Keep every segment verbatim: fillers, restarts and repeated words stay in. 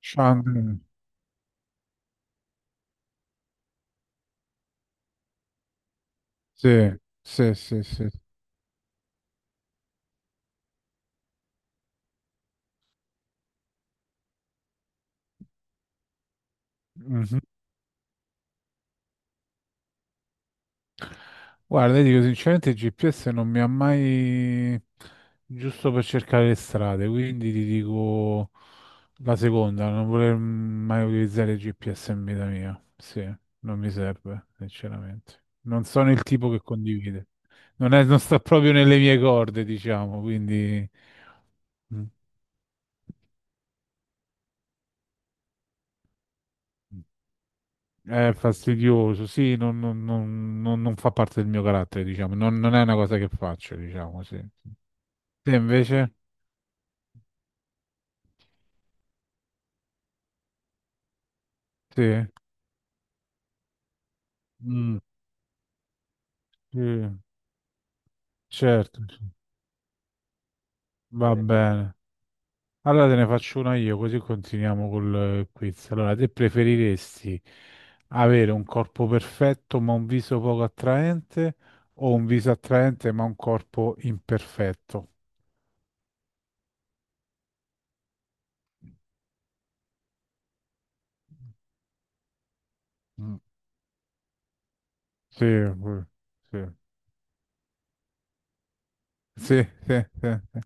Shandon. Sì, sì, sì, sì. Mhm. Guarda, io dico sinceramente, il G P S non mi ha mai giusto per cercare le strade, quindi ti dico la seconda, non voler mai utilizzare il G P S in vita mia. Sì, non mi serve, sinceramente. Non sono il tipo che condivide. Non è- non sta proprio nelle mie corde, diciamo, quindi... Mm. È fastidioso, sì, non, non- non- non- non fa parte del mio carattere, diciamo, non, non è una cosa che faccio, diciamo, sì. Te invece? Sì. Mm, sì, certo, va bene. Allora te ne faccio una io, così continuiamo col eh, quiz. Allora, te preferiresti avere un corpo perfetto ma un viso poco attraente o un viso attraente ma un corpo imperfetto? Mm. Sì, eh, sì, sì, sì, sì,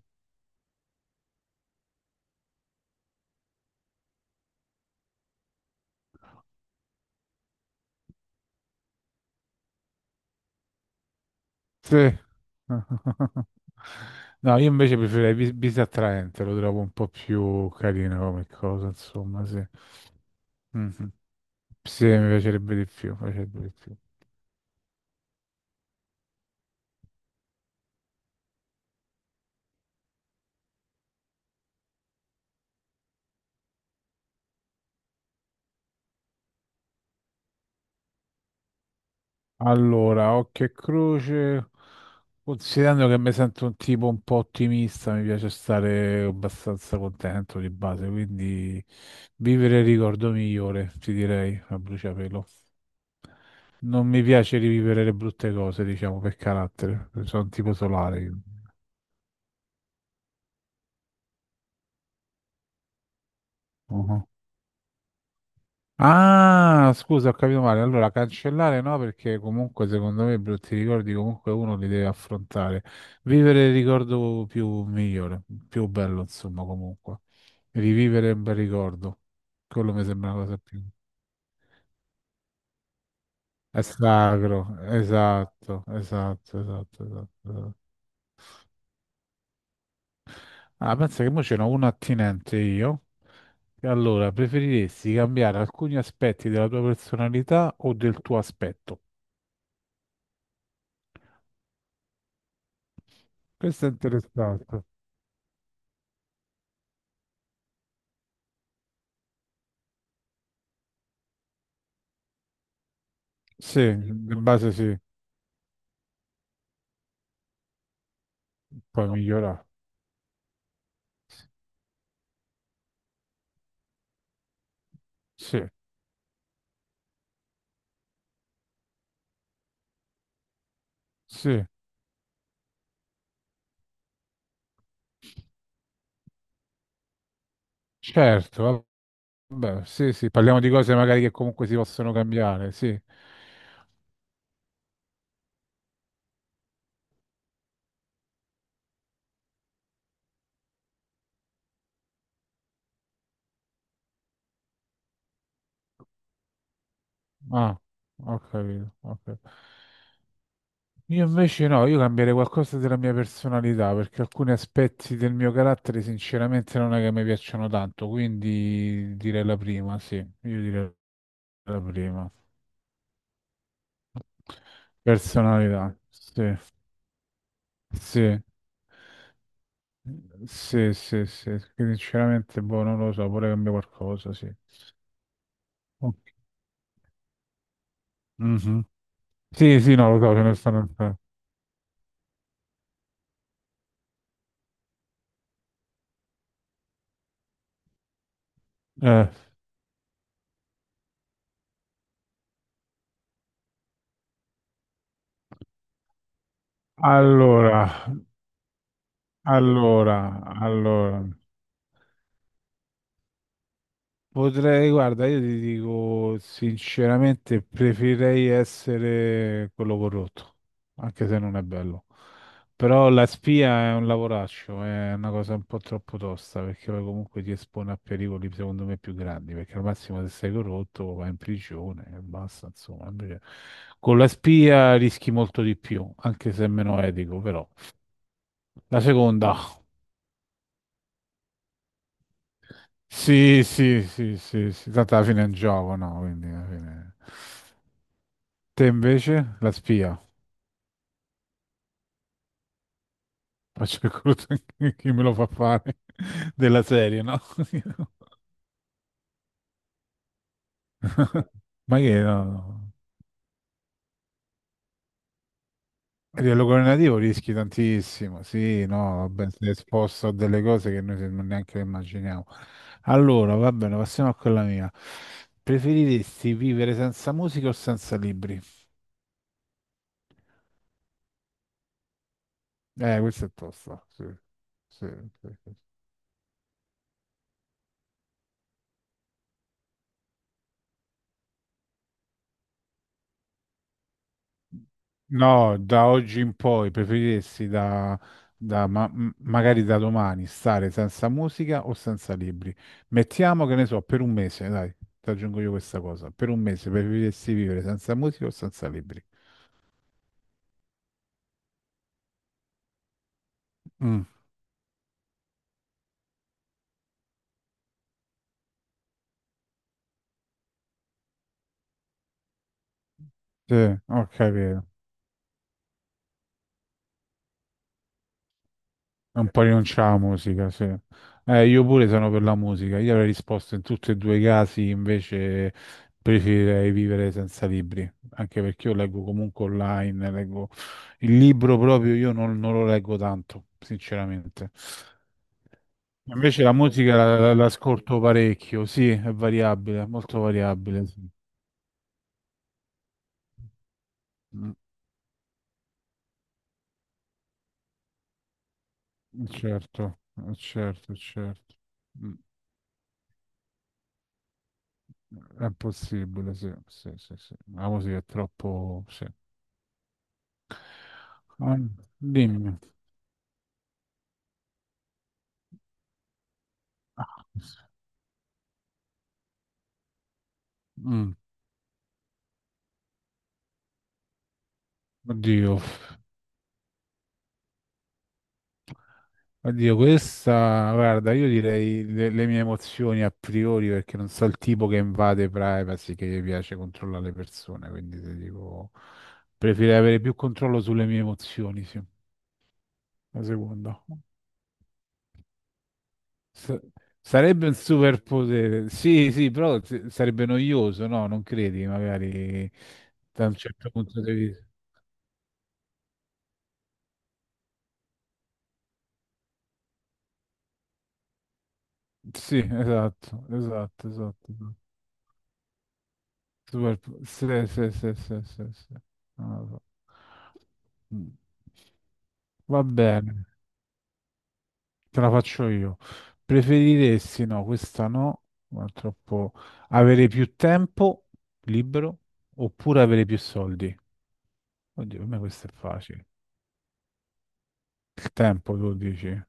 sì. No, io invece preferirei bis, bis attraente, lo trovo un po' più carino come cosa, insomma, sì. Mhm. Sì, mi piacerebbe di più, mi piacerebbe di più. Allora, occhio e croce, considerando che mi sento un tipo un po' ottimista, mi piace stare abbastanza contento di base, quindi vivere il ricordo migliore, ti direi, a bruciapelo. Non mi piace rivivere le brutte cose, diciamo, per carattere. Sono un tipo solare. Io. Mhm. Ah, scusa, ho capito male. Allora, cancellare no, perché comunque secondo me i brutti ricordi comunque uno li deve affrontare. Vivere il ricordo più migliore, più bello, insomma, comunque. Rivivere un bel ricordo. Quello mi sembra una cosa più... È sacro, esatto, esatto, esatto, esatto. Esatto. Ah, pensa che mo ce n'ho uno attinente io. E allora, preferiresti cambiare alcuni aspetti della tua personalità o del tuo aspetto? Questo è interessante. Sì, in base sì, poi migliorare. Sì, sì, certo, vabbè, sì, sì, parliamo di cose magari che comunque si possono cambiare, sì. Ah, ho capito, ho capito. Io invece no, io cambierei qualcosa della mia personalità perché alcuni aspetti del mio carattere sinceramente non è che mi piacciono tanto, quindi direi la prima, sì, io direi la prima. Personalità, sì, sì, sì, sì, sì, che sinceramente boh, non lo so, vorrei cambiare qualcosa, sì. Ok. Mhm. Sì, sì, no, lo so, ce ne stanno. Eh, allora, allora, allora. Potrei, guarda, io ti dico sinceramente, preferirei essere quello corrotto, anche se non è bello. Però la spia è un lavoraccio, è una cosa un po' troppo tosta, perché poi comunque ti espone a pericoli secondo me più grandi, perché al massimo se sei corrotto vai in prigione e basta, insomma. Invece con la spia rischi molto di più, anche se è meno etico, però. La seconda, sì, sì, sì, sì, sì, tanto alla fine è un gioco, no? Quindi alla fine... Te invece la spia, faccio il crudo chi me lo fa fare della serie, no? Ma che no? No. A livello governativo rischi tantissimo, sì, no, vabbè, sei esposto a delle cose che noi non neanche le immaginiamo. Allora, va bene, passiamo a quella mia. Preferiresti vivere senza musica o senza libri? Eh, questo è tosto, sì, sì, sì, sì. No, da oggi in poi preferiresti da, da ma- m- magari da domani stare senza musica o senza libri? Mettiamo che ne so, per un mese, dai, ti aggiungo io questa cosa. Per un mese preferiresti vivere senza musica o senza libri? Mm, sì, ok, un po' rinunciare alla musica, sì. Eh, io pure sono per la musica. Io avrei risposto in tutti e due i casi, invece preferirei vivere senza libri, anche perché io leggo comunque online, leggo il libro proprio, io non, non lo leggo tanto, sinceramente. Invece la musica la- la- l'ascolto parecchio, sì, è variabile, molto variabile, sì. Mm, certo, eh, certo, certo. Mm. È possibile, sì, sì, sì, sì. Ma così è troppo... Sì. Ah, dimmi. Ah, mm, oddio, oddio, questa... Guarda, io direi le, le mie emozioni a priori perché non so il tipo che invade privacy, che gli piace controllare le persone, quindi ti dico... Preferirei avere più controllo sulle mie emozioni, sì. La seconda. S- sarebbe un superpotere, sì, sì, però s- sarebbe noioso, no? Non credi, magari da un certo punto di vista. Sì, esatto, esatto, esatto. Esatto. Superpo- sì, sì, sì, sì, sì, sì. Non lo so. Mm. Va bene, te la faccio io. Preferiresti, no, questa no, ma è troppo... Avere più tempo libero oppure avere più soldi? Oddio, per me questo è facile. Il tempo, tu dici? Eh,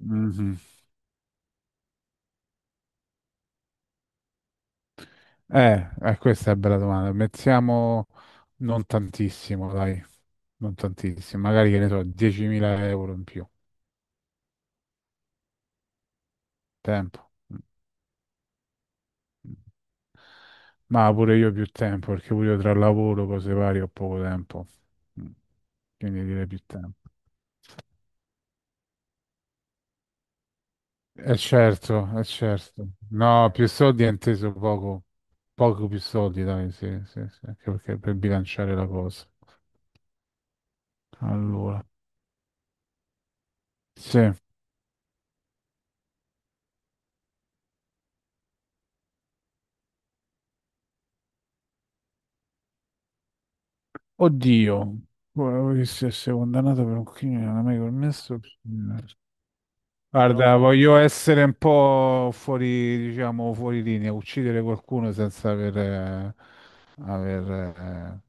Mhm. Eh, eh, questa è una bella domanda. Mettiamo non tantissimo, dai, non tantissimo, magari che ne so, diecimila euro in più. Tempo. Mm. Ma pure io più tempo, perché pure io tra lavoro, cose varie, ho poco tempo. Mm. Quindi direi più tempo. Eh certo, è certo. No, più soldi è inteso poco. Poco più soldi, dai, sì, sì, sì, anche perché per bilanciare la cosa. Allora, sì. Oddio, guarda, che se sei condannato per un crimine non hai mai commesso. Mm. Guarda, no, voglio essere un po' fuori, diciamo, fuori linea, uccidere qualcuno senza aver, eh, aver, eh,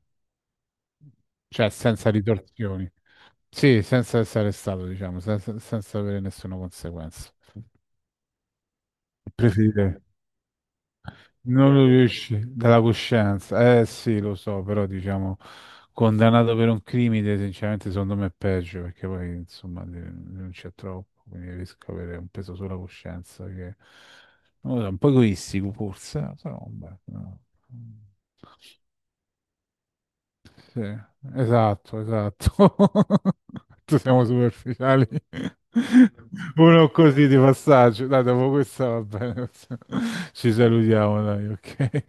cioè senza ritorsioni. Sì, senza essere stato, diciamo, senza, senza avere nessuna conseguenza. Preferirei. Non lo riesci dalla coscienza. Eh sì, lo so, però diciamo condannato per un crimine, sinceramente secondo me è peggio perché poi insomma de- non c'è troppo, quindi rischio di avere un peso sulla coscienza che non lo so, un po' egoistico forse, eh, però vabbè, no. Sì, esatto, esatto. Tu siamo superficiali. Uno così di passaggio. Dai, dopo questa va bene. Ci salutiamo, dai, ok.